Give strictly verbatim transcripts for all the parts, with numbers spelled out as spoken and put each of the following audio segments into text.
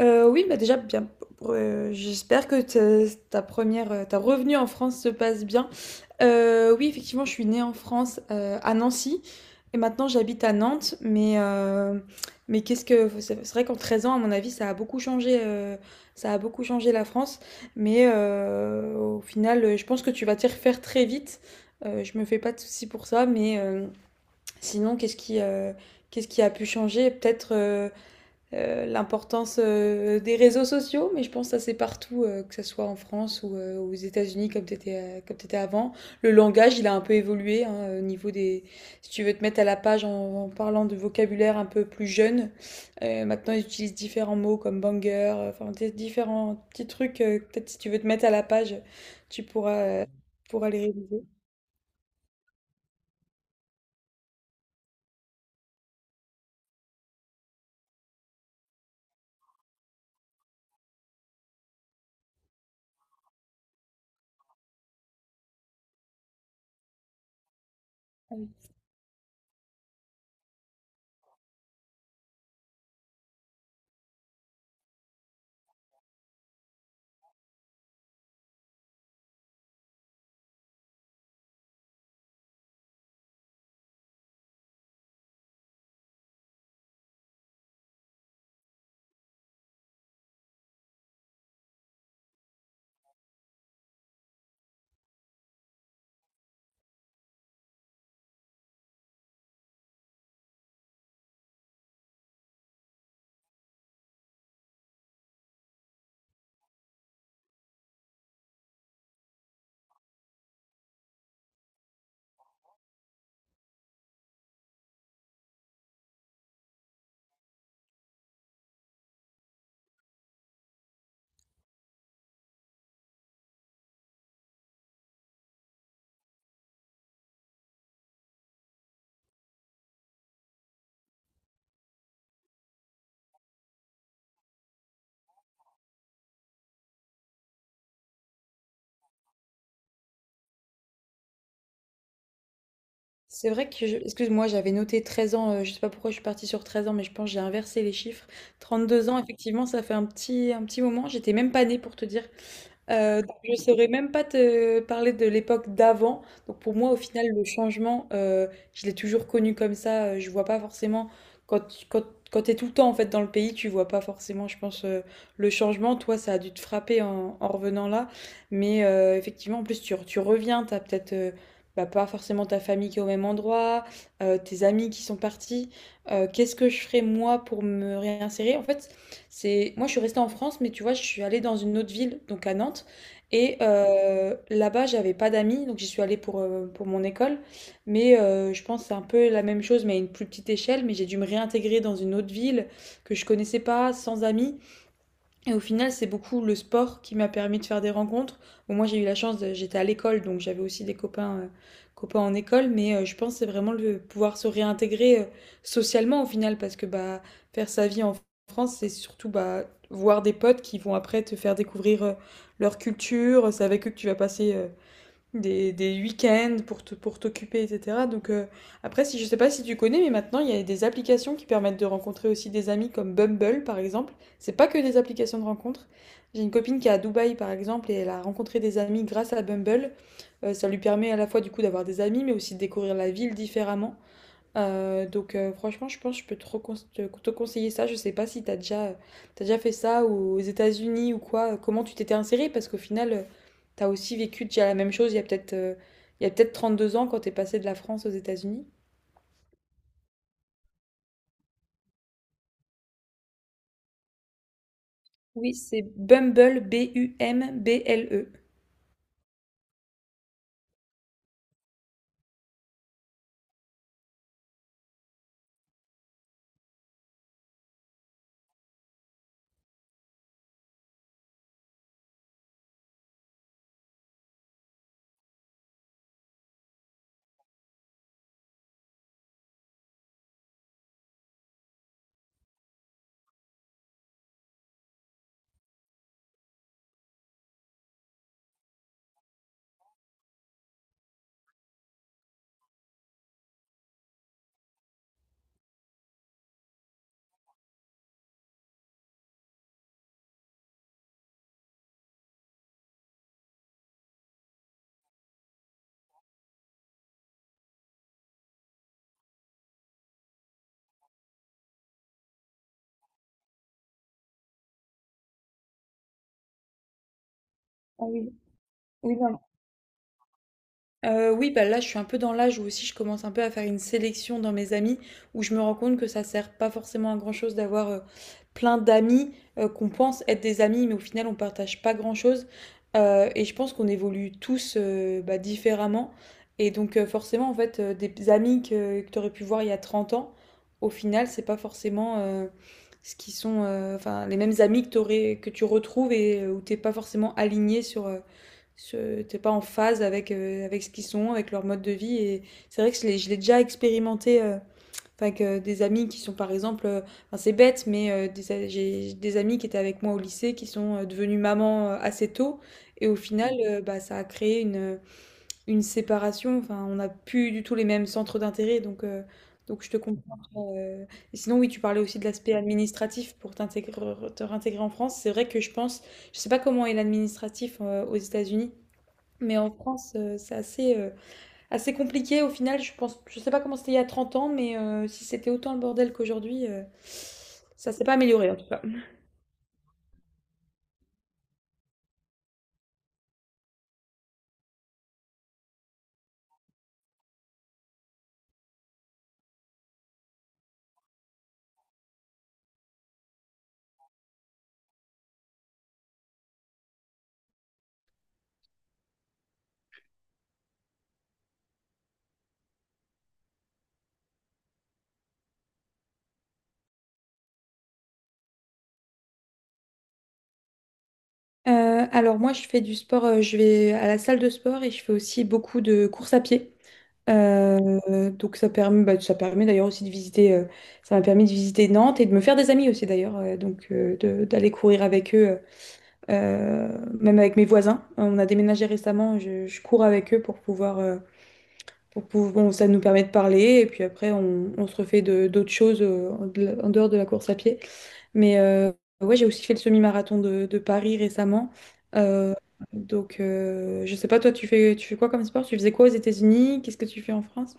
Heu, oui, bah, déjà bien, pour, heu, j'espère que te ta première, heu, ta revenue en France se passe bien. Heu, oui, effectivement, je suis née en France, heu, à Nancy et maintenant j'habite à Nantes, mais heu, mais qu'est-ce que c'est c'est vrai qu'en treize ans, à mon avis, ça a beaucoup changé. Heu, ça a beaucoup changé la France, mais heu, au final, heu, je pense que tu vas t'y refaire très vite. Heu, je me fais pas de soucis pour ça, mais heu, sinon qu'est-ce qui, heu, qu'est-ce qui a pu changer? Peut-être, heu euh, l'importance euh, des réseaux sociaux, mais je pense que ça c'est partout, euh, que ce soit en France ou euh, aux États-Unis comme tu étais, comme t'étais avant. Le langage, il a un peu évolué hein, au niveau des... Si tu veux te mettre à la page en, en parlant de vocabulaire un peu plus jeune, euh, maintenant ils utilisent différents mots comme banger, euh, enfin des- différents petits trucs. Euh, peut-être si tu veux te mettre à la page, tu pourras, euh, pourras les réviser. C'est vrai que je excuse-moi, j'avais noté treize ans, heu, je sais pas pourquoi je suis partie sur treize ans, mais je pense que j'ai inversé les chiffres. Trente-deux ans, effectivement, ça fait un petit un petit moment. J'étais même pas née pour te dire. Euh, donc je ne saurais même pas te parler de l'époque d'avant. Donc pour moi, au final, le changement, euh, je l'ai toujours connu comme ça. Euh, Je vois pas forcément quand quand quand t'es tout le temps en fait dans le pays, tu vois pas forcément, je pense, euh, le changement. Toi, ça a dû te frapper en, en revenant là. Mais euh, effectivement, en plus, tu, re- tu reviens, t'as peut-être euh, bah, pas forcément ta famille qui est au même endroit, euh, tes amis qui sont partis. Euh, qu'est-ce que je ferais moi pour me réinsérer? En fait, c'est, moi, je suis restée en France, mais tu vois, je suis allée dans une autre ville, donc à Nantes. Et euh, là-bas, j'avais pas d'amis, donc j'y suis allée pour, euh, pour mon école. Mais euh, je pense que c'est un peu la même chose, mais à une plus petite échelle. Mais j'ai dû me réintégrer dans une autre ville que je connaissais pas, sans amis. Et au final, c'est beaucoup le sport qui m'a permis de faire des rencontres. Bon, moi, j'ai eu la chance, de- j'étais à l'école, donc j'avais aussi des copains, euh, copains en école, mais euh, je pense que c'est vraiment le pouvoir se réintégrer euh, socialement au final, parce que bah, faire sa vie en France, c'est surtout bah, voir des potes qui vont après te faire découvrir euh, leur culture. C'est avec eux que tu vas passer euh, des, des week-ends pour te- pour t'occuper, et cetera. Donc euh, après, si je sais pas si tu connais, mais maintenant il y a des applications qui permettent de rencontrer aussi des amis comme Bumble par exemple. C'est pas que des applications de rencontre. J'ai une copine qui est à Dubaï par exemple et elle a rencontré des amis grâce à Bumble. Euh, ça lui permet à la fois du coup d'avoir des amis, mais aussi de découvrir la ville différemment. Euh, donc, euh, franchement, je pense que je peux trop conse- te te conseiller ça. Je sais pas si t'as déjà, t'as déjà fait ça ou aux États-Unis ou quoi. Comment tu t'étais insérée parce qu'au final, euh, t'as aussi vécu déjà la même chose il y a peut-être euh, il y a peut-être trente-deux ans quand t'es passé de la France aux États-Unis. Oui, c'est Bumble, B U M B L E. Ah oui. Oui, Heu, oui, bah, là, je suis un peu dans l'âge où aussi je commence un peu à faire une sélection dans mes amis, où je me rends compte que ça sert pas forcément à grand-chose d'avoir, heu, plein d'amis, heu, qu'on pense être des amis, mais au final on partage pas grand-chose. Heu et je pense qu'on évolue tous, heu, bah, différemment et donc heu, forcément, en fait, heu, des amis que que tu aurais pu voir il y a trente ans, au final, c'est pas forcément, heu, ce qui sont, heu, enfin, les mêmes amis que tu aurais que tu retrouves et heu, où t'es pas forcément aligné sur, euh, je- t'es pas en phase avec, euh, avec ce qu'ils sont, avec leur mode de vie. Et c'est vrai que je l'ai je l'ai déjà expérimenté euh, enfin, avec euh, des amis qui sont, par exemple, euh, enfin, c'est bête, mais euh, des a- j'ai des amis qui étaient avec moi au lycée qui sont euh, devenus mamans euh, assez tôt. Et au final, euh, bah, ça a créé une, une séparation. Enfin, on n'a plus du tout les mêmes centres d'intérêt. Donc, euh, donc je te comprends. euh. Et sinon, oui, tu parlais aussi de l'aspect administratif pour t'intégrer, te réintégrer en France. C'est vrai que je pense, je sais pas comment est l'administratif euh, aux États-Unis. Mais en France, euh, c'est assez, euh, assez compliqué. Au final, je pense, je sais pas comment c'était il y a trente ans, mais euh, si c'était autant le bordel qu'aujourd'hui, euh, ça s'est pas amélioré en tout cas. Euh, alors moi, je fais du sport, euh, je vais à la salle de sport et je fais aussi beaucoup de courses à pied. Euh, donc ça permet, bah, ça permet d'ailleurs aussi de visiter, euh, ça m'a permis de visiter Nantes et de me faire des amis aussi d'ailleurs, euh, donc euh, de- d'aller courir avec eux, euh, même avec mes voisins. On a déménagé récemment, je, je cours avec eux pour pouvoir, euh, pour pouvoir, bon, ça nous permet de parler et puis après on, on se refait de- d'autres choses euh, en de- en dehors de la course à pied. Mais euh, ouais, j'ai aussi fait le semi-marathon de, de Paris récemment. Euh, donc, euh, je sais pas, toi tu fais, tu fais quoi comme sport? Tu faisais quoi aux États-Unis? Qu'est-ce que tu fais en France?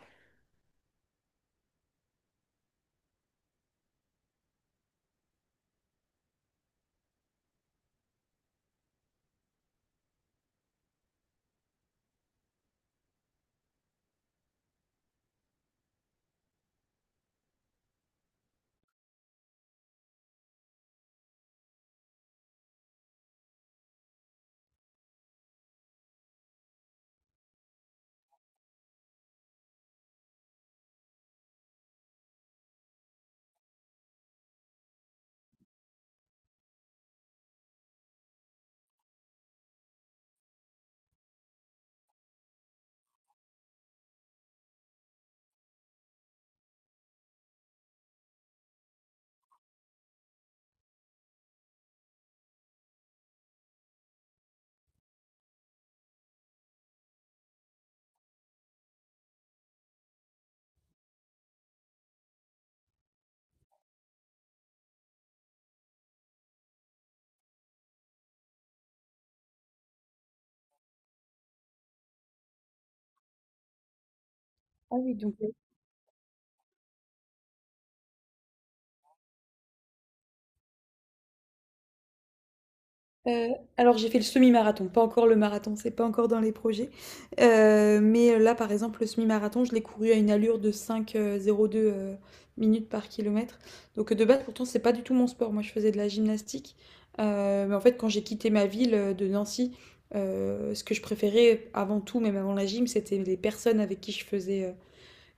Ah oui, donc, heu alors j'ai fait le semi-marathon, pas encore le marathon, c'est pas encore dans les projets. Heu, mais euh, là, par exemple, le semi-marathon, je l'ai couru à une allure de cinq, heu, zéro virgule deux, heu, minutes par kilomètre. Donc, de base, pourtant, c'est pas du tout mon sport. Moi, je faisais de la gymnastique. Heu, mais en fait, quand j'ai quitté ma ville, heu, de Nancy, heu, ce que je préférais avant tout, même avant la gym, c'était les personnes avec qui je faisais, euh,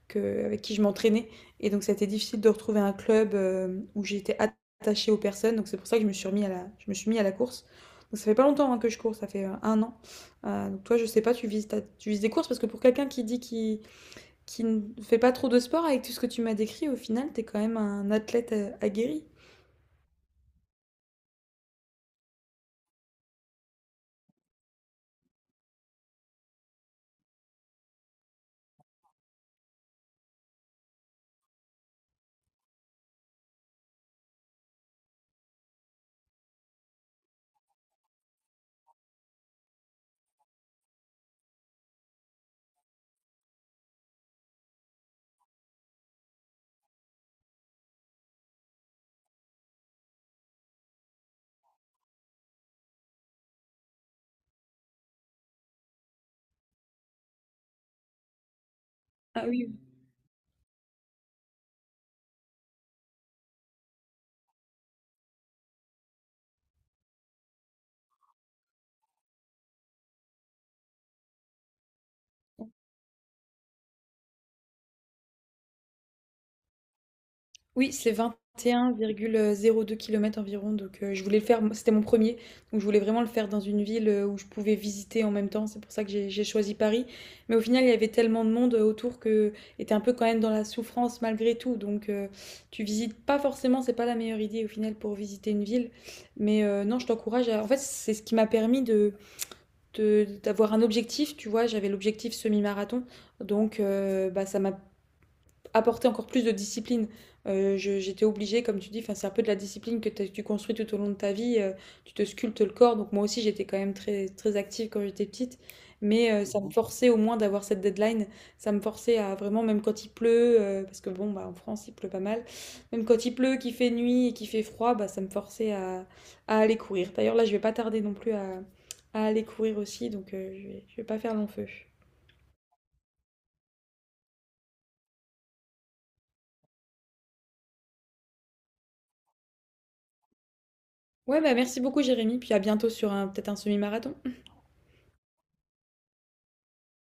que, avec qui je m'entraînais. Et donc, ça a été difficile de retrouver un club euh, où j'étais at- attachée aux personnes. Donc, c'est pour ça que je me suis remis à la, je me suis mis à la course. Donc, ça fait pas longtemps hein, que je cours, ça fait euh, un an. Euh, donc, toi, je sais pas, tu vises, ta- tu vises des courses parce que pour quelqu'un qui dit qu'il qui ne fait pas trop de sport avec tout ce que tu m'as décrit, au final, t'es quand même un athlète euh, aguerri. Ah oui. Oui, c'est vingt et un virgule zéro deux km environ, donc heu, je voulais le faire moi, c'était mon premier, donc je voulais vraiment le faire dans une ville, heu, où je pouvais visiter en même temps. C'est pour ça que j'ai j'ai choisi Paris, mais au final, il y avait tellement de monde, euh, autour que et un peu quand même dans la souffrance malgré tout, donc heu, tu visites pas forcément, c'est pas la meilleure idée au final pour visiter une ville, mais heu, non, je t'encourage à en fait, c'est ce qui m'a permis de de d'avoir un objectif, tu vois? J'avais l'objectif semi-marathon, donc heu, bah, ça m'a apporter encore plus de discipline. Euh, j'étais obligée, comme tu dis, enfin, c'est un peu de la discipline que tu construis tout au long de ta vie. Euh, tu te sculptes le corps. Donc moi aussi, j'étais quand même très, très active quand j'étais petite. Mais euh, ça me forçait au moins d'avoir cette deadline. Ça me forçait à vraiment, même quand il pleut, euh, parce que bon, bah, en France, il pleut pas mal. Même quand il pleut, qu'il fait nuit et qu'il fait froid, bah, ça me forçait à, à aller courir. D'ailleurs, là, je vais pas tarder non plus à, à aller courir aussi. Donc euh, je vais, je vais pas faire long feu. Ouais, bah merci beaucoup, Jérémy. Puis à bientôt sur un, peut-être un semi-marathon.